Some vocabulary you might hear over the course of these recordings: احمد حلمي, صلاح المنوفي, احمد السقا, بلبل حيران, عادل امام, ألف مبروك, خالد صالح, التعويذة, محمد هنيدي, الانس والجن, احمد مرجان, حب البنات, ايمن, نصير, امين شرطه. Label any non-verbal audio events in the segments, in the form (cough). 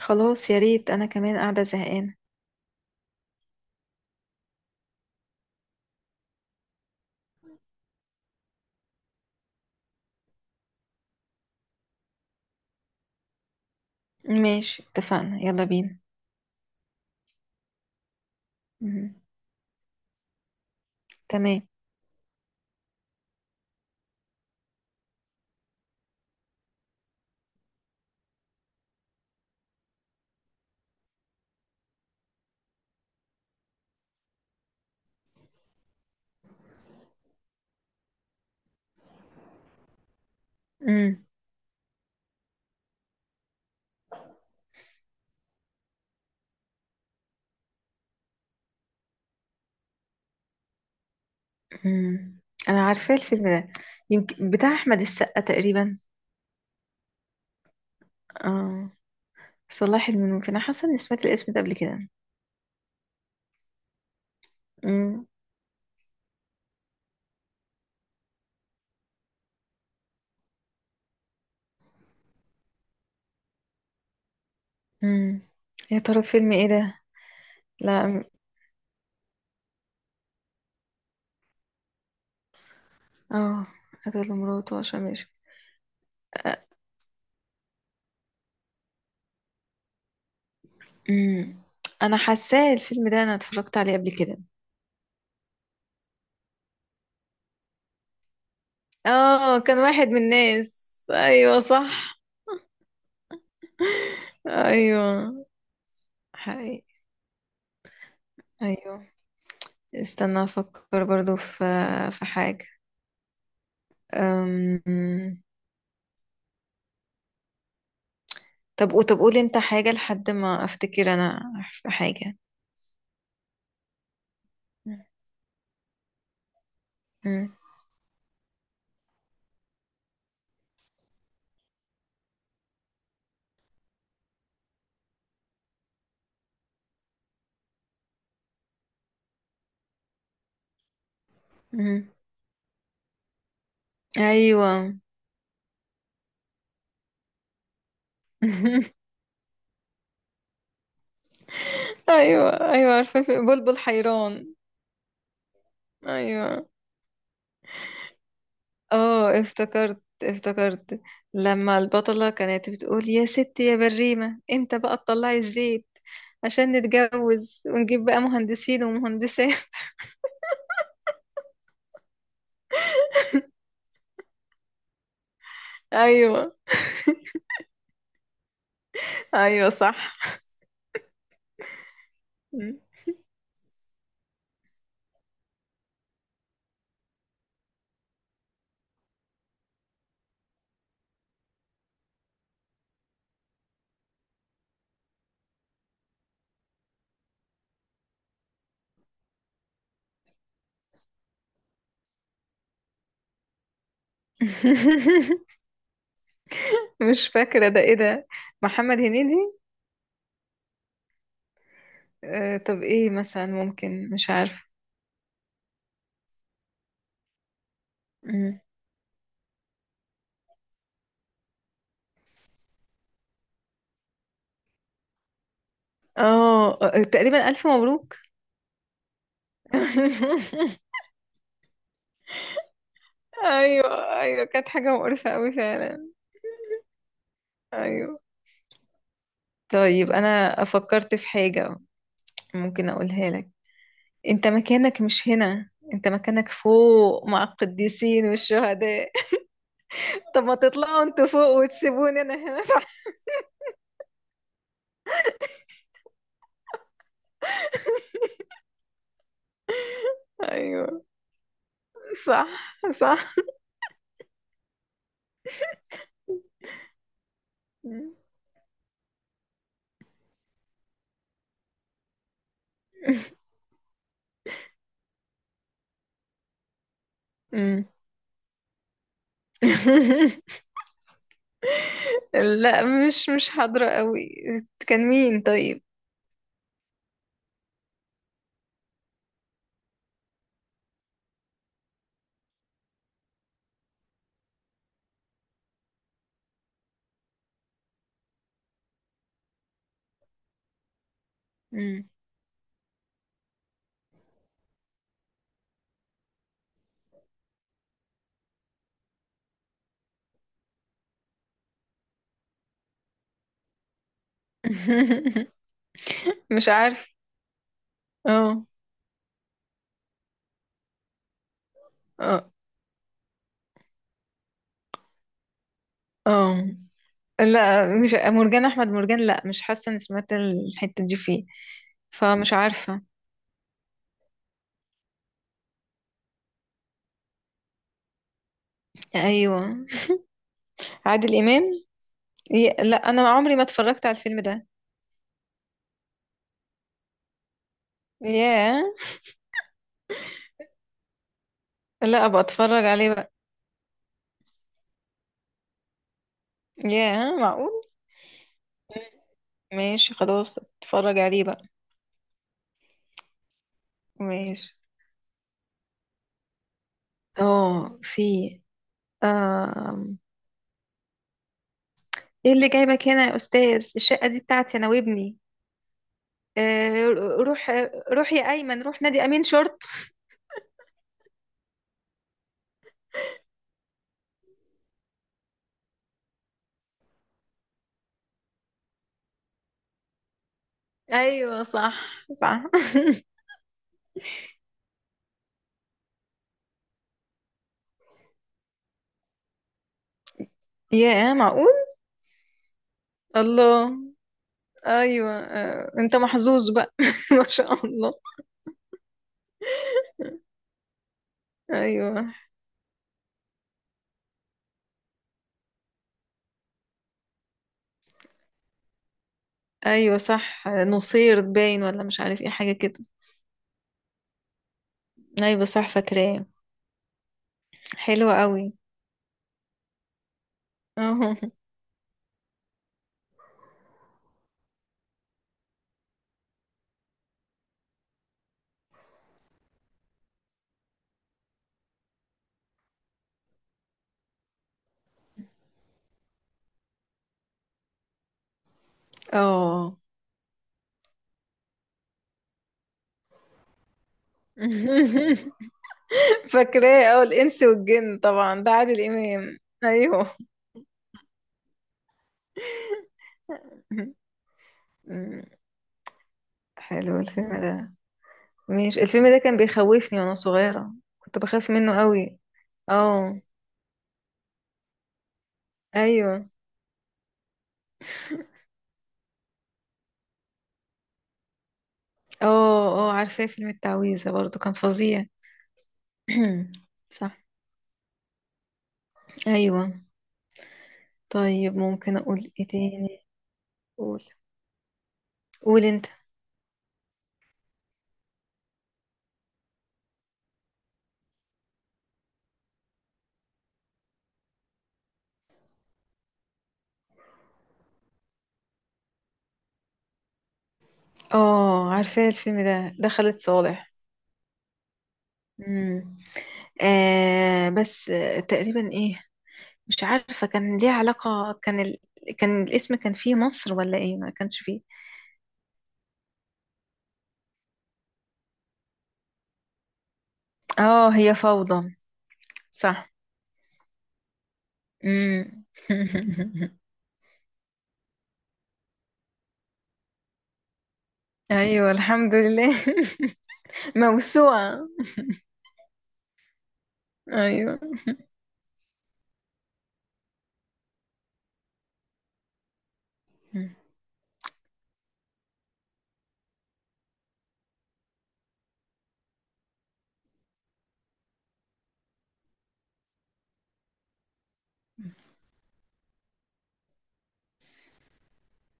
خلاص يا ريت انا كمان قاعدة زهقانة. ماشي اتفقنا يلا بينا. مم. تمام. مم. مم. انا عارفة الفيلم ده. يمكن بتاع احمد السقا تقريبا. اه. صلاح المنوفي، انا حاسة اني سمعت الاسم ده قبل كده. مم. مم. يا ترى فيلم ايه ده؟ لا اه. قتل مراته عشان، ماشي. مم. انا حاساه الفيلم ده، انا اتفرجت عليه قبل كده. اه، كان واحد من الناس. ايوه صح. ايوه. حقيقي. ايوه. استنى افكر برضو في حاجة. أم... طب قولي انت حاجة لحد ما افتكر انا في حاجة. أم، أم. ايوه. (laughs) ايوه ايوه، عارفة، في بلبل حيران. ايوه. اه افتكرت افتكرت لما البطلة كانت بتقول يا ستي يا بريمة امتى بقى تطلعي الزيت عشان نتجوز ونجيب بقى مهندسين ومهندسات. (laughs) ايوه ايوه صح. (laughs) مش فاكرة ده، ايه ده؟ محمد هنيدي. آه، طب ايه مثلا؟ ممكن، مش عارفة. مم. اه، تقريبا ألف مبروك. (laughs) ايوه ايوه، كانت حاجة مقرفة قوي فعلا. ايوه. طيب انا فكرت في حاجة. ممكن اقولها لك؟ انت مكانك مش هنا، انت مكانك فوق مع القديسين والشهداء. (laughs) طب ما تطلعوا انتوا فوق وتسيبوني انا هنا (laughs) تحت. ايوه صح صح. مم. (laughs) مم. (laughs) لا، مش حاضرة قوي. كان مين طيب؟ مم. (laughs) مش عارف. اه اه اه. لا مش مرجان احمد مرجان، لا مش حاسة اني سمعت الحتة دي فيه. فمش عارفة. ايوه. عادل امام. لا، انا عمري ما اتفرجت على الفيلم ده. ياه. لا ابقى اتفرج عليه بقى. ياه معقول. ماشي خلاص اتفرج عليه بقى. ماشي. اه، في. ايه اللي جايبك هنا يا استاذ؟ الشقه دي بتاعتي انا وابني. آه، روح. روح يا ايمن، روح نادي امين شرطه. ايوه صح صح. يا معقول. الله. ايوه، انت محظوظ بقى. (laughs) ما شاء الله. ايوه. ايوه صح، نصير باين ولا مش عارف ايه، حاجه كده. ايوه صح فاكراه. حلوه قوي. اه. آه. (laughs) فاكراه. اه، الانس والجن، طبعا ده عادل امام. ايوه. (laughs) حلو الفيلم ده. مش الفيلم ده كان بيخوفني وانا صغيرة؟ كنت بخاف منه قوي. اه. ايوه. اه اه عارفاه، فيلم التعويذة برضو كان فظيع. (clears throat) صح. ايوه. طيب ممكن اقول ايه تاني؟ قول. قول انت. اه عارفاه الفيلم ده، ده خالد صالح. امم آه بس، تقريبا ايه، مش عارفة، كان ليه علاقة، كان كان الاسم كان فيه مصر ولا ايه؟ ما كانش فيه. اه، هي فوضى. صح. امم (laughs) ايوه الحمد لله. (laughs) موسوعة. ايوه.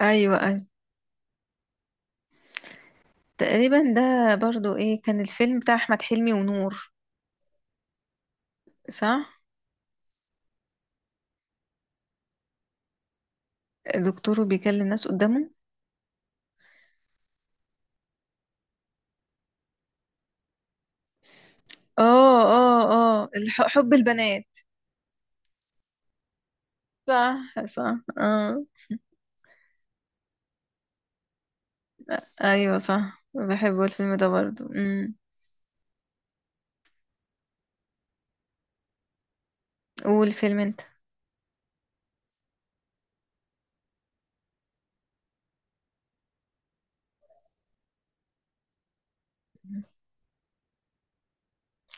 ايوه. ايوه تقريبا، ده برضو ايه؟ كان الفيلم بتاع احمد حلمي ونور. صح. دكتور بيكلم الناس قدامه. اه اه اه حب البنات. صح صح اه. ايوه صح، بحبه الفيلم ده برضو. قول فيلم انت.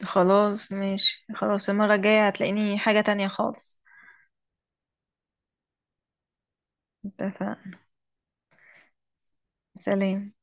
خلاص ماشي، خلاص المرة الجاية هتلاقيني حاجة تانية خالص. اتفق. سلام.